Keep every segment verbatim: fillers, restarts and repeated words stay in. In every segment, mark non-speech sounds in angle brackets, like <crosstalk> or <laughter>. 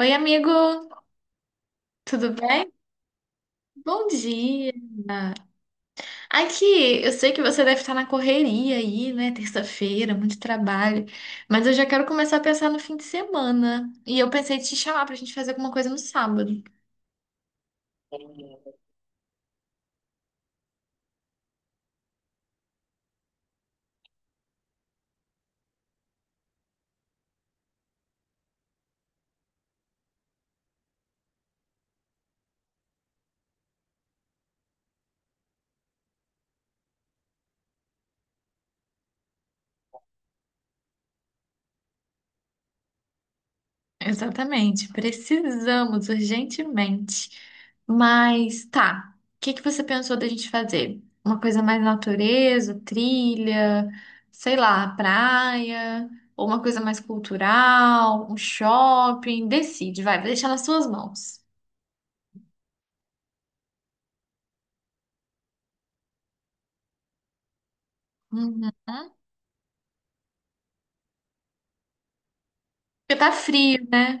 Oi, amigo, tudo bem? Bom dia. Aqui, eu sei que você deve estar na correria aí, né? Terça-feira, muito trabalho, mas eu já quero começar a pensar no fim de semana. E eu pensei em te chamar pra gente fazer alguma coisa no sábado. Exatamente, precisamos urgentemente. Mas tá, o que que você pensou da gente fazer? Uma coisa mais natureza, trilha, sei lá, praia, ou uma coisa mais cultural, um shopping? Decide, vai, vou deixar nas suas mãos. Uhum. Porque tá frio, né?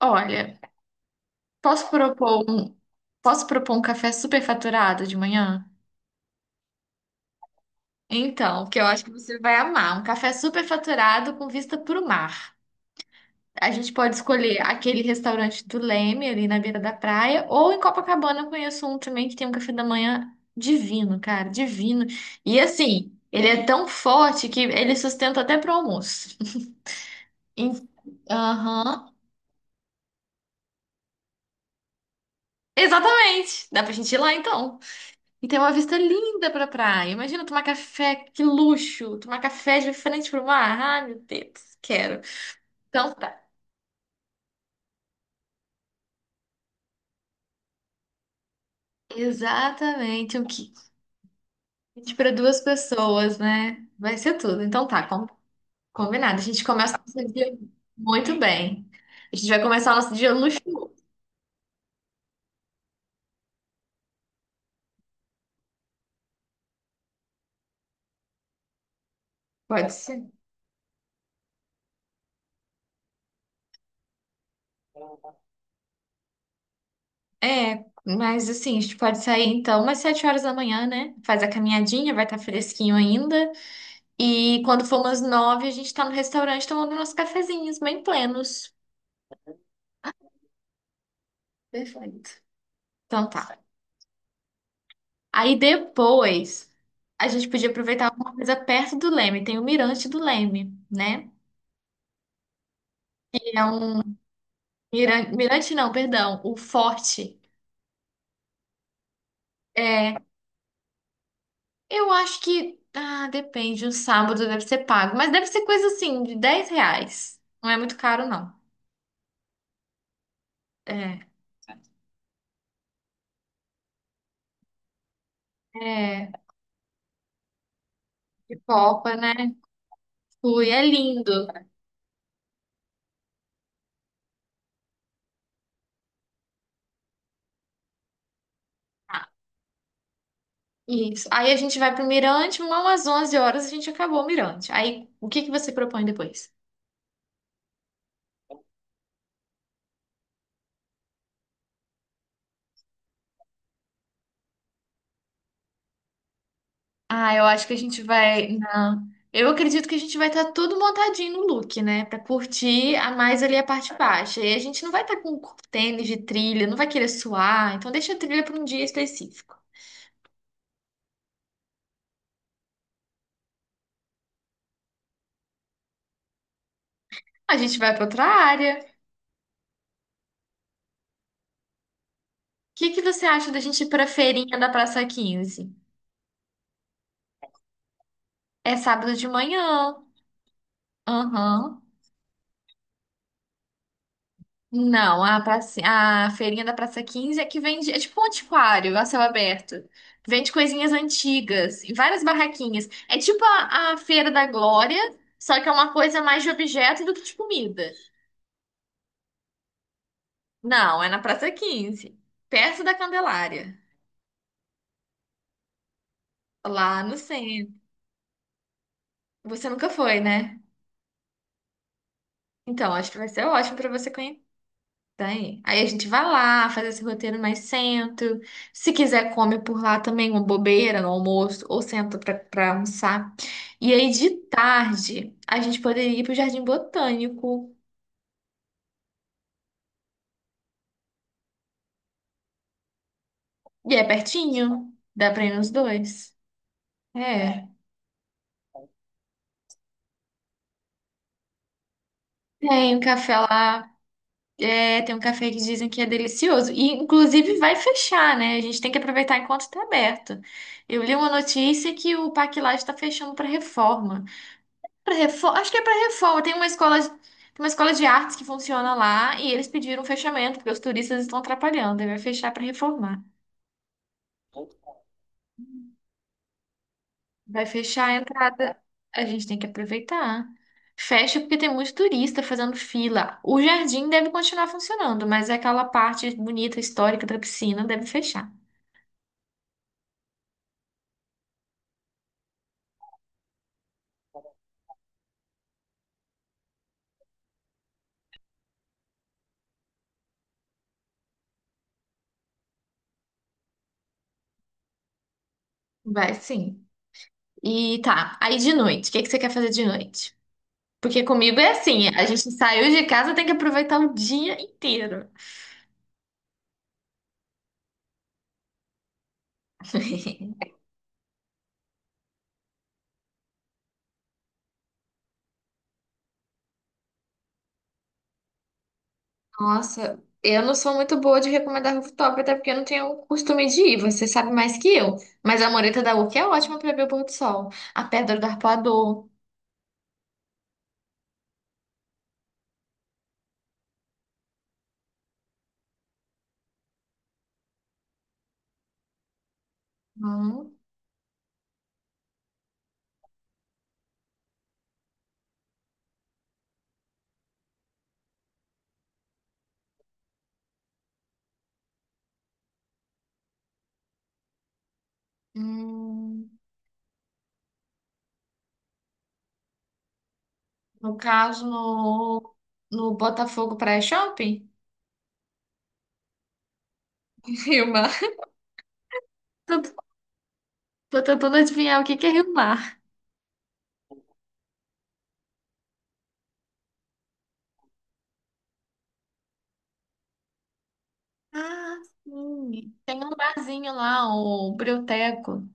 Olha, posso propor um, posso propor um café superfaturado de manhã? Então, que eu acho que você vai amar, um café superfaturado com vista para o mar. A gente pode escolher aquele restaurante do Leme, ali na beira da praia, ou em Copacabana eu conheço um também que tem um café da manhã divino, cara, divino. E assim, ele é tão forte que ele sustenta até pro almoço. Em- Aham. Exatamente. Dá pra gente ir lá então. E tem uma vista linda pra praia. Imagina tomar café, que luxo! Tomar café de frente pro mar. Ai, meu Deus, quero. Então tá. Exatamente, um kit para duas pessoas, né? Vai ser tudo. Então tá, combinado. A gente começa o nosso dia muito bem. A gente vai começar o nosso dia luxuoso. Pode ser. É, mas assim, a gente pode sair então umas sete horas da manhã, né? Faz a caminhadinha, vai estar fresquinho ainda. E quando for umas nove, a gente tá no restaurante tomando nossos cafezinhos, bem plenos. Perfeito. Então tá. Aí depois, a gente podia aproveitar alguma coisa perto do Leme. Tem o Mirante do Leme, né? Que é um. Mira- Mirante não, perdão. O Forte. É, eu acho que. Ah, depende. O sábado deve ser pago. Mas deve ser coisa assim, de dez reais. Não é muito caro, não. É. É. Pipoca, né? Fui, é lindo. Ah, isso. Aí a gente vai pro Mirante, umas onze horas a gente acabou o Mirante. Aí, o que que você propõe depois? Ah, eu acho que a gente vai. Não. Eu acredito que a gente vai estar tudo montadinho no look, né? Pra curtir a mais ali a parte baixa. E a gente não vai estar com tênis de trilha, não vai querer suar. Então deixa a trilha pra um dia específico. A gente vai para outra área. O que que você acha da gente ir para feirinha da Praça Quinze? É sábado de manhã. Aham. Não, a, praça, a feirinha da Praça Quinze é que vende, é tipo um antiquário a céu aberto. Vende coisinhas antigas e várias barraquinhas. É tipo a, a Feira da Glória, só que é uma coisa mais de objeto do que de comida. Não, é na Praça Quinze, perto da Candelária, lá no centro. Você nunca foi, né? Então, acho que vai ser ótimo para você. Tem. Aí a gente vai lá, faz esse roteiro mais sento. Se quiser, come por lá também, uma bobeira no almoço, ou senta pra, pra almoçar. E aí, de tarde, a gente poderia ir pro Jardim Botânico. E é pertinho, dá pra ir nos dois. É. Tem um café lá, é, tem um café que dizem que é delicioso. E, inclusive, vai fechar, né? A gente tem que aproveitar enquanto está aberto. Eu li uma notícia que o Parque Lage está fechando para reforma. Pra Refor- Acho que é para reforma. Tem uma escola, tem uma escola de artes que funciona lá e eles pediram um fechamento porque os turistas estão atrapalhando. Aí vai fechar para reformar. Vai fechar a entrada. A gente tem que aproveitar. Fecha porque tem muito turista fazendo fila. O jardim deve continuar funcionando, mas aquela parte bonita, histórica da piscina deve fechar. Vai sim. E tá. Aí de noite, o que que você quer fazer de noite? Porque comigo é assim, a gente saiu de casa, tem que aproveitar o dia inteiro. <laughs> Nossa, eu não sou muito boa de recomendar rooftop, até porque eu não tenho o costume de ir, você sabe mais que eu. Mas a mureta da Urca é ótima para ver o pôr do sol. A Pedra do Arpoador. Hum, hum, no caso, no, no Botafogo Praia Shopping. <laughs> Rio Mar. Tô, tô tentando adivinhar o que que é Rio Mar. Ah, sim. Tem um barzinho lá, o Brioteco.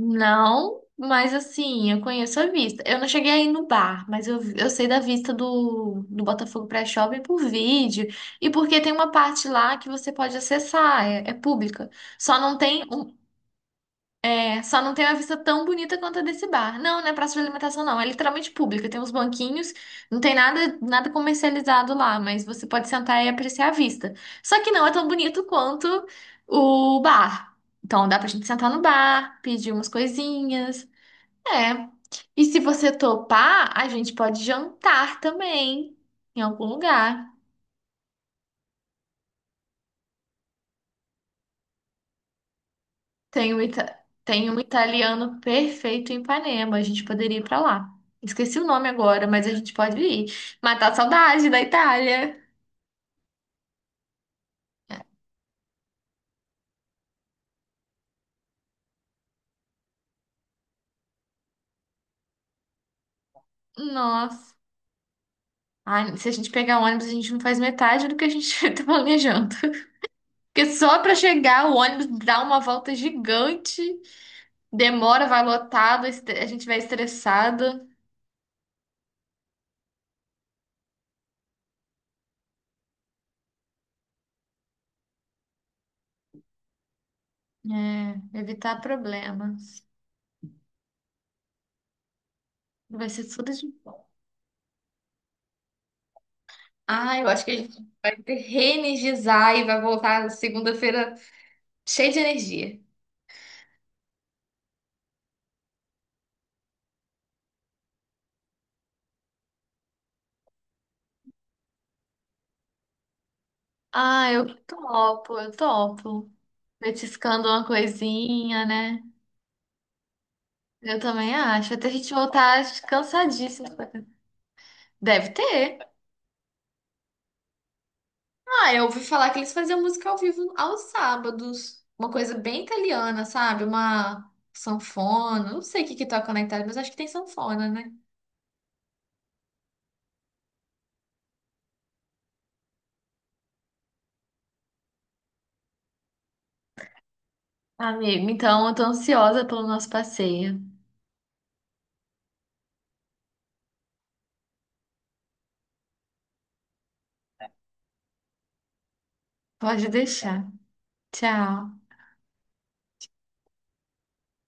Não, mas assim, eu conheço a vista. Eu não cheguei aí no bar, mas eu, eu sei da vista do, do Botafogo pré-shopping por vídeo. E porque tem uma parte lá que você pode acessar, é, é pública. Só não tem um, é, só não tem uma vista tão bonita quanto a desse bar. Não, não é praça de alimentação, não. É literalmente pública. Tem uns banquinhos, não tem nada, nada comercializado lá, mas você pode sentar e apreciar a vista. Só que não é tão bonito quanto o bar. Então dá pra gente sentar no bar, pedir umas coisinhas. É. E se você topar, a gente pode jantar também em algum lugar. Tem um, ita- Tem um italiano perfeito em Ipanema, a gente poderia ir pra lá. Esqueci o nome agora, mas a gente pode ir. Matar a saudade da Itália. Nossa. Ai, se a gente pegar ônibus, a gente não faz metade do que a gente <laughs> tá planejando. Porque só pra chegar, o ônibus dá uma volta gigante, demora, vai lotado, a gente vai estressada. É, evitar problemas. Vai ser tudo de bom. Ah, eu acho que a gente vai ter reenergizar e vai voltar segunda-feira cheio de energia. Ah, eu topo, eu topo. Petiscando uma coisinha, né? Eu também acho. Até a gente voltar cansadíssimo. Deve ter. Ah, eu ouvi falar que eles faziam música ao vivo aos sábados. Uma coisa bem italiana, sabe? Uma sanfona. Não sei o que que toca na Itália, mas acho que tem sanfona, né? Amigo, então eu tô ansiosa pelo nosso passeio. Pode deixar. Tchau.